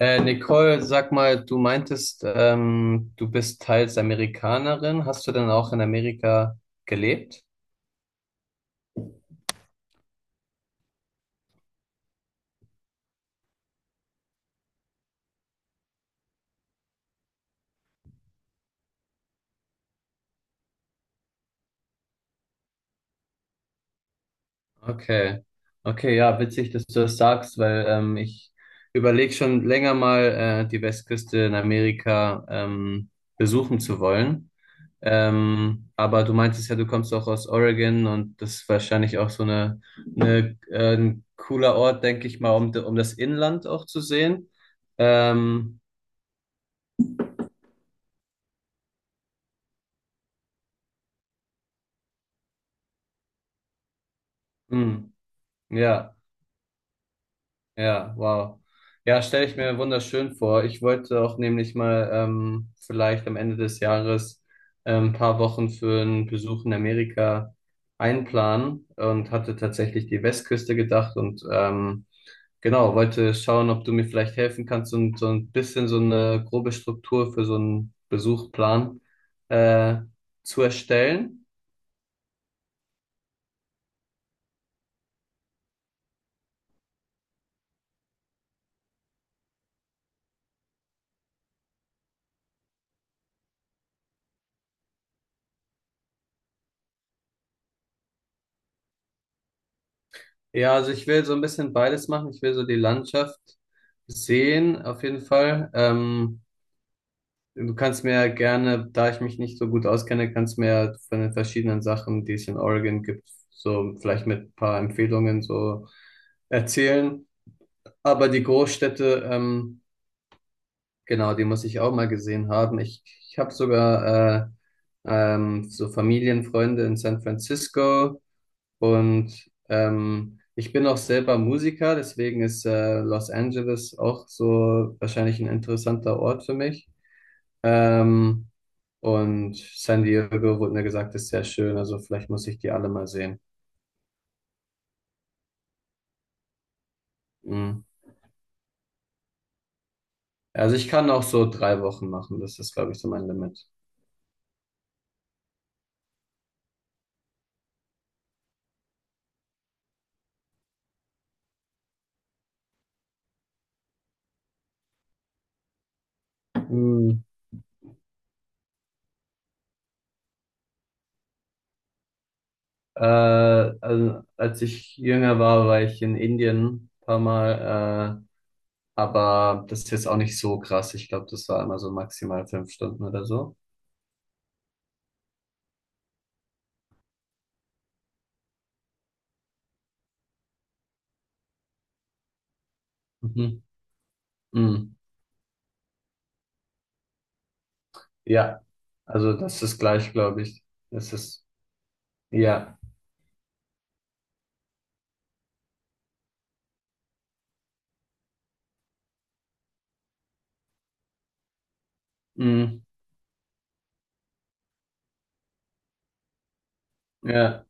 Nicole, sag mal, du meintest, du bist teils Amerikanerin. Hast du denn auch in Amerika gelebt? Okay. Okay, ja, witzig, dass du das sagst, weil ich überlege schon länger mal, die Westküste in Amerika besuchen zu wollen. Aber du meintest ja, du kommst auch aus Oregon und das ist wahrscheinlich auch so eine, ein cooler Ort, denke ich mal, um, um das Inland auch zu sehen. Ähm, hm. Ja, ja, wow. Ja, stelle ich mir wunderschön vor. Ich wollte auch nämlich mal vielleicht am Ende des Jahres ein paar Wochen für einen Besuch in Amerika einplanen und hatte tatsächlich die Westküste gedacht und genau, wollte schauen, ob du mir vielleicht helfen kannst und so ein bisschen so eine grobe Struktur für so einen Besuchplan äh, zu erstellen. Ja, also ich will so ein bisschen beides machen. Ich will so die Landschaft sehen, auf jeden Fall. Du kannst mir ja gerne, da ich mich nicht so gut auskenne, kannst mir ja von den verschiedenen Sachen, die es in Oregon gibt, so vielleicht mit ein paar Empfehlungen so erzählen. Aber die Großstädte, genau, die muss ich auch mal gesehen haben. Ich habe sogar so Familienfreunde in San Francisco. Und ich bin auch selber Musiker, deswegen ist Los Angeles auch so wahrscheinlich ein interessanter Ort für mich. Ähm, und San Diego wurde mir gesagt, ist sehr schön, also vielleicht muss ich die alle mal sehen. Mhm. Also ich kann auch so 3 Wochen machen, das ist, glaube ich, so mein Limit. Mhm. Also als ich jünger war, war ich in Indien ein paar Mal, aber das ist jetzt auch nicht so krass. Ich glaube, das war immer so maximal 5 Stunden oder so. Mhm. Mhm. Ja, also das ist gleich, glaube ich. Das ist, ja. Mhm. Ja.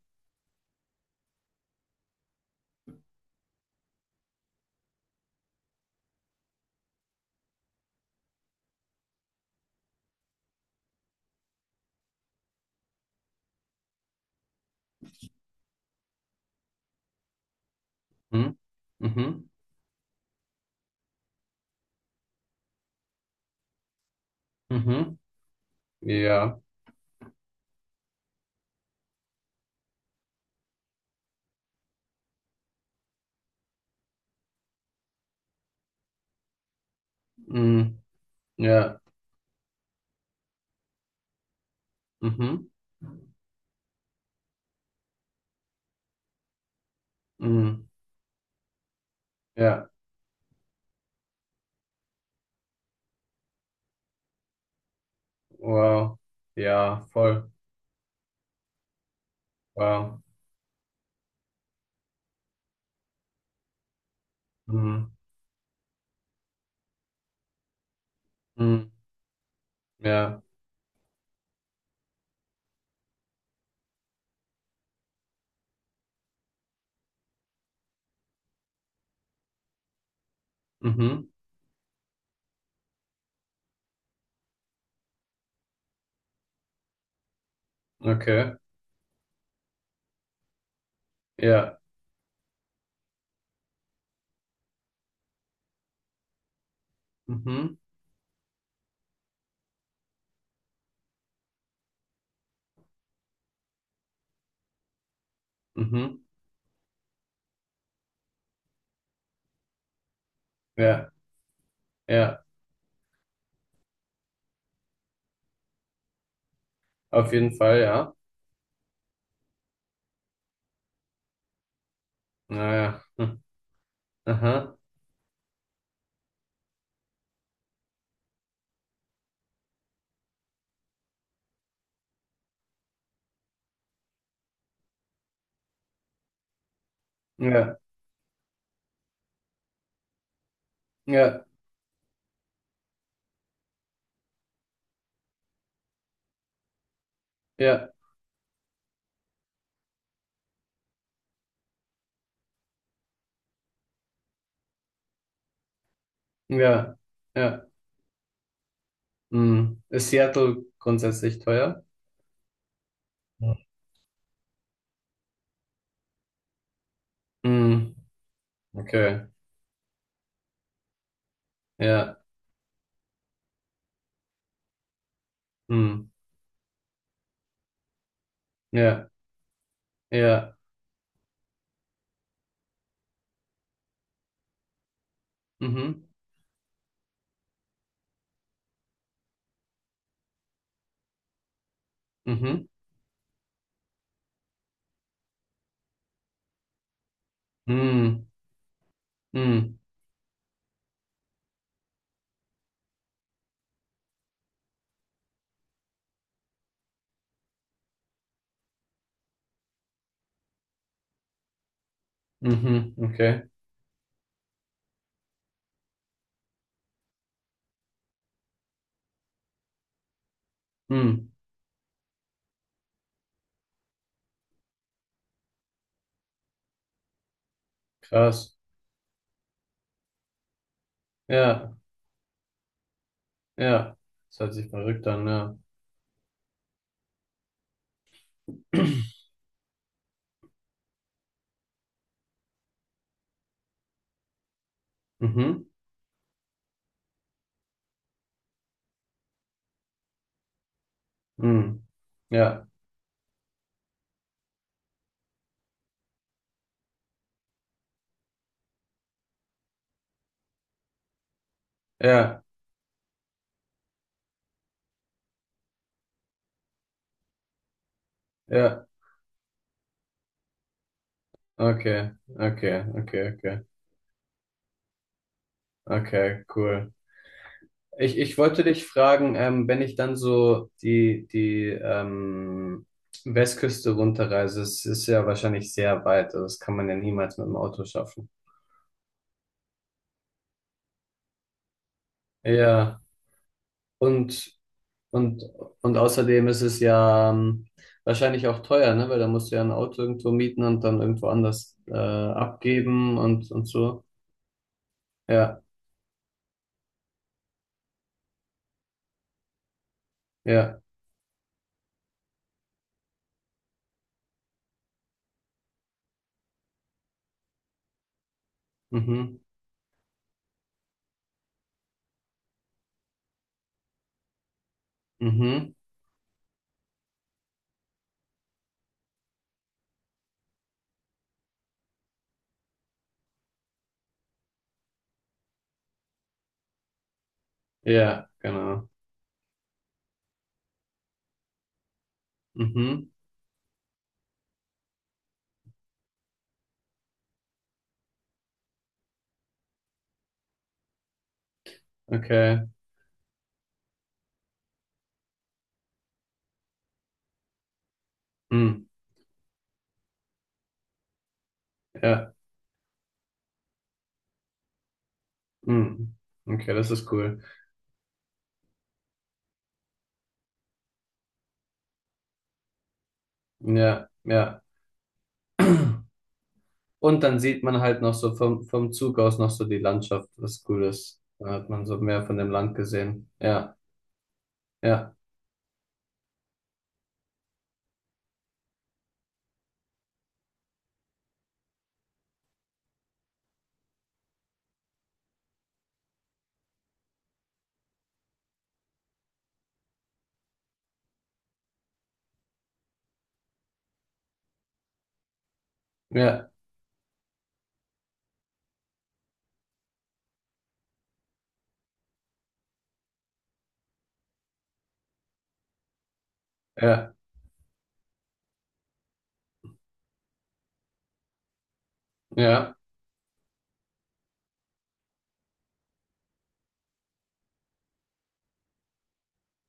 Mhm. Mhm. Mhm. Ja. Mhm. Ja. Mhm. Mhm. Ja. Wow. Ja, voll. Wow. Mhm. Mhm. Ja. Mhm. Okay. Ja. Mhm. Mhm. Ja. Ja. Auf jeden Fall, ja. Naja. Hm. Aha. Ja. Ja. Ja. Ja. Ja. Hm. Ist Seattle grundsätzlich teuer? Ja. Hm. Okay. Ja. Hm. Ja. Ja. Mhm. Mhm. Hm. Hm. Mhm. Okay. Hm. Krass. Ja. Ja. Das hört sich verrückt an, ja. Mhm. Hm. Ja. Ja. Ja. Okay. Okay. Okay. Okay. Okay. Cool. Ich wollte dich fragen, wenn ich dann so die Westküste runterreise, es ist ja wahrscheinlich sehr weit, also das kann man ja niemals mit dem Auto schaffen. Ja, und, und, und außerdem ist es ja wahrscheinlich auch teuer, ne? Weil da musst du ja ein Auto irgendwo mieten und dann irgendwo anders abgeben und so. Ja, ja, mhm, mhm, ja, genau, mhm, okay, mhm, ja, mhm, okay, das ist cool. Ja, ja. Und dann sieht man halt noch so vom, vom Zug aus noch so die Landschaft, was cool ist. Dann hat man so mehr von dem Land gesehen. Ja, ja, ja, ja, ja.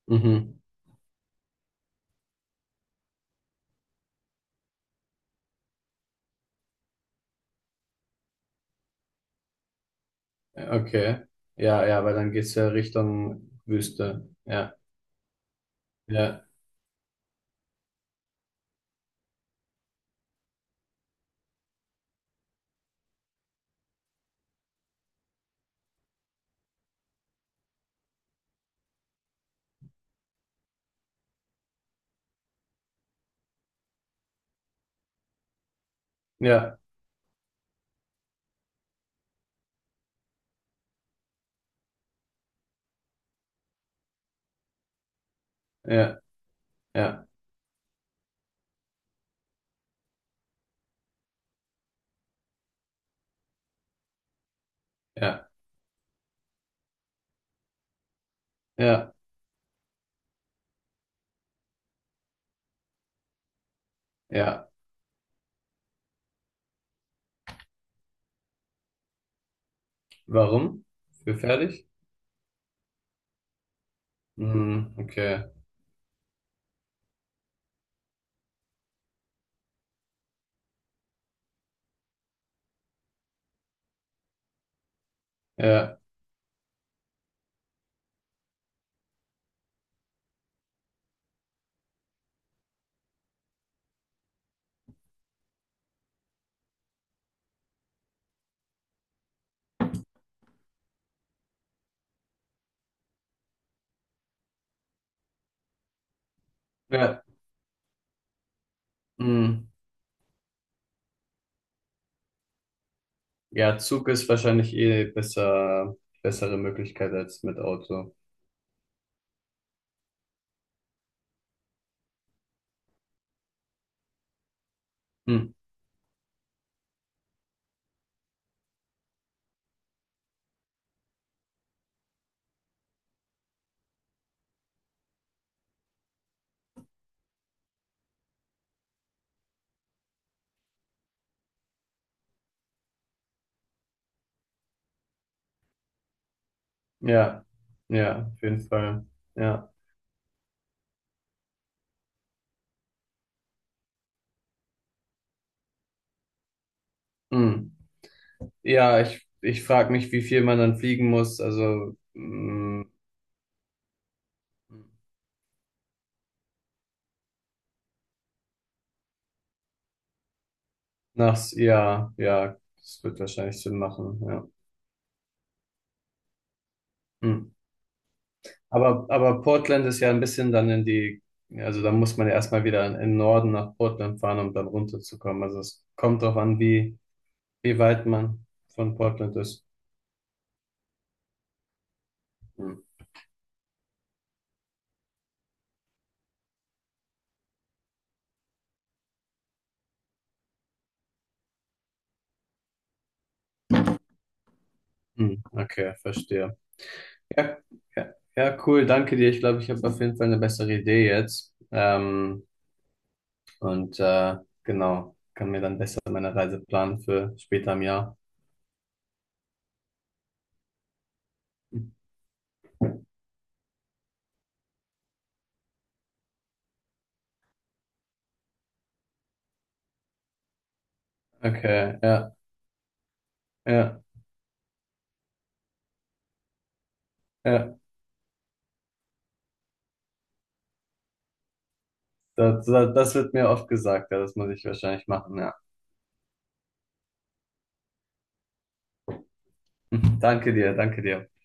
Mhm. Okay. Ja, ja, weil dann geht's ja Richtung Wüste. Ja, ja, ja, ja, ja, ja, ja, ja. Warum? Gefährlich? Mhm, okay. Ja, ja, mhm. Ja, Zug ist wahrscheinlich eh besser, bessere Möglichkeit als mit Auto. Hm. Ja, ja, auf jeden Fall. Ja, hm. Ja, ich frage mich, wie viel man dann fliegen muss. Also, hm, nachts, ja, ja, das wird wahrscheinlich Sinn machen. Ja. Hm. Aber Portland ist ja ein bisschen dann in die, also da muss man ja erstmal wieder in den Norden nach Portland fahren, um dann runterzukommen. Also, es kommt drauf an, wie weit man von Portland ist. Hm. Hm. Okay, verstehe. Ja, ja, ja, cool, danke dir. Ich glaube, ich habe auf jeden Fall eine bessere Idee jetzt. Und genau, kann mir dann besser meine Reise planen für später im Jahr. Okay, ja, ja, ja. Das wird mir oft gesagt, ja, das muss ich wahrscheinlich machen, ja. Danke dir, danke dir.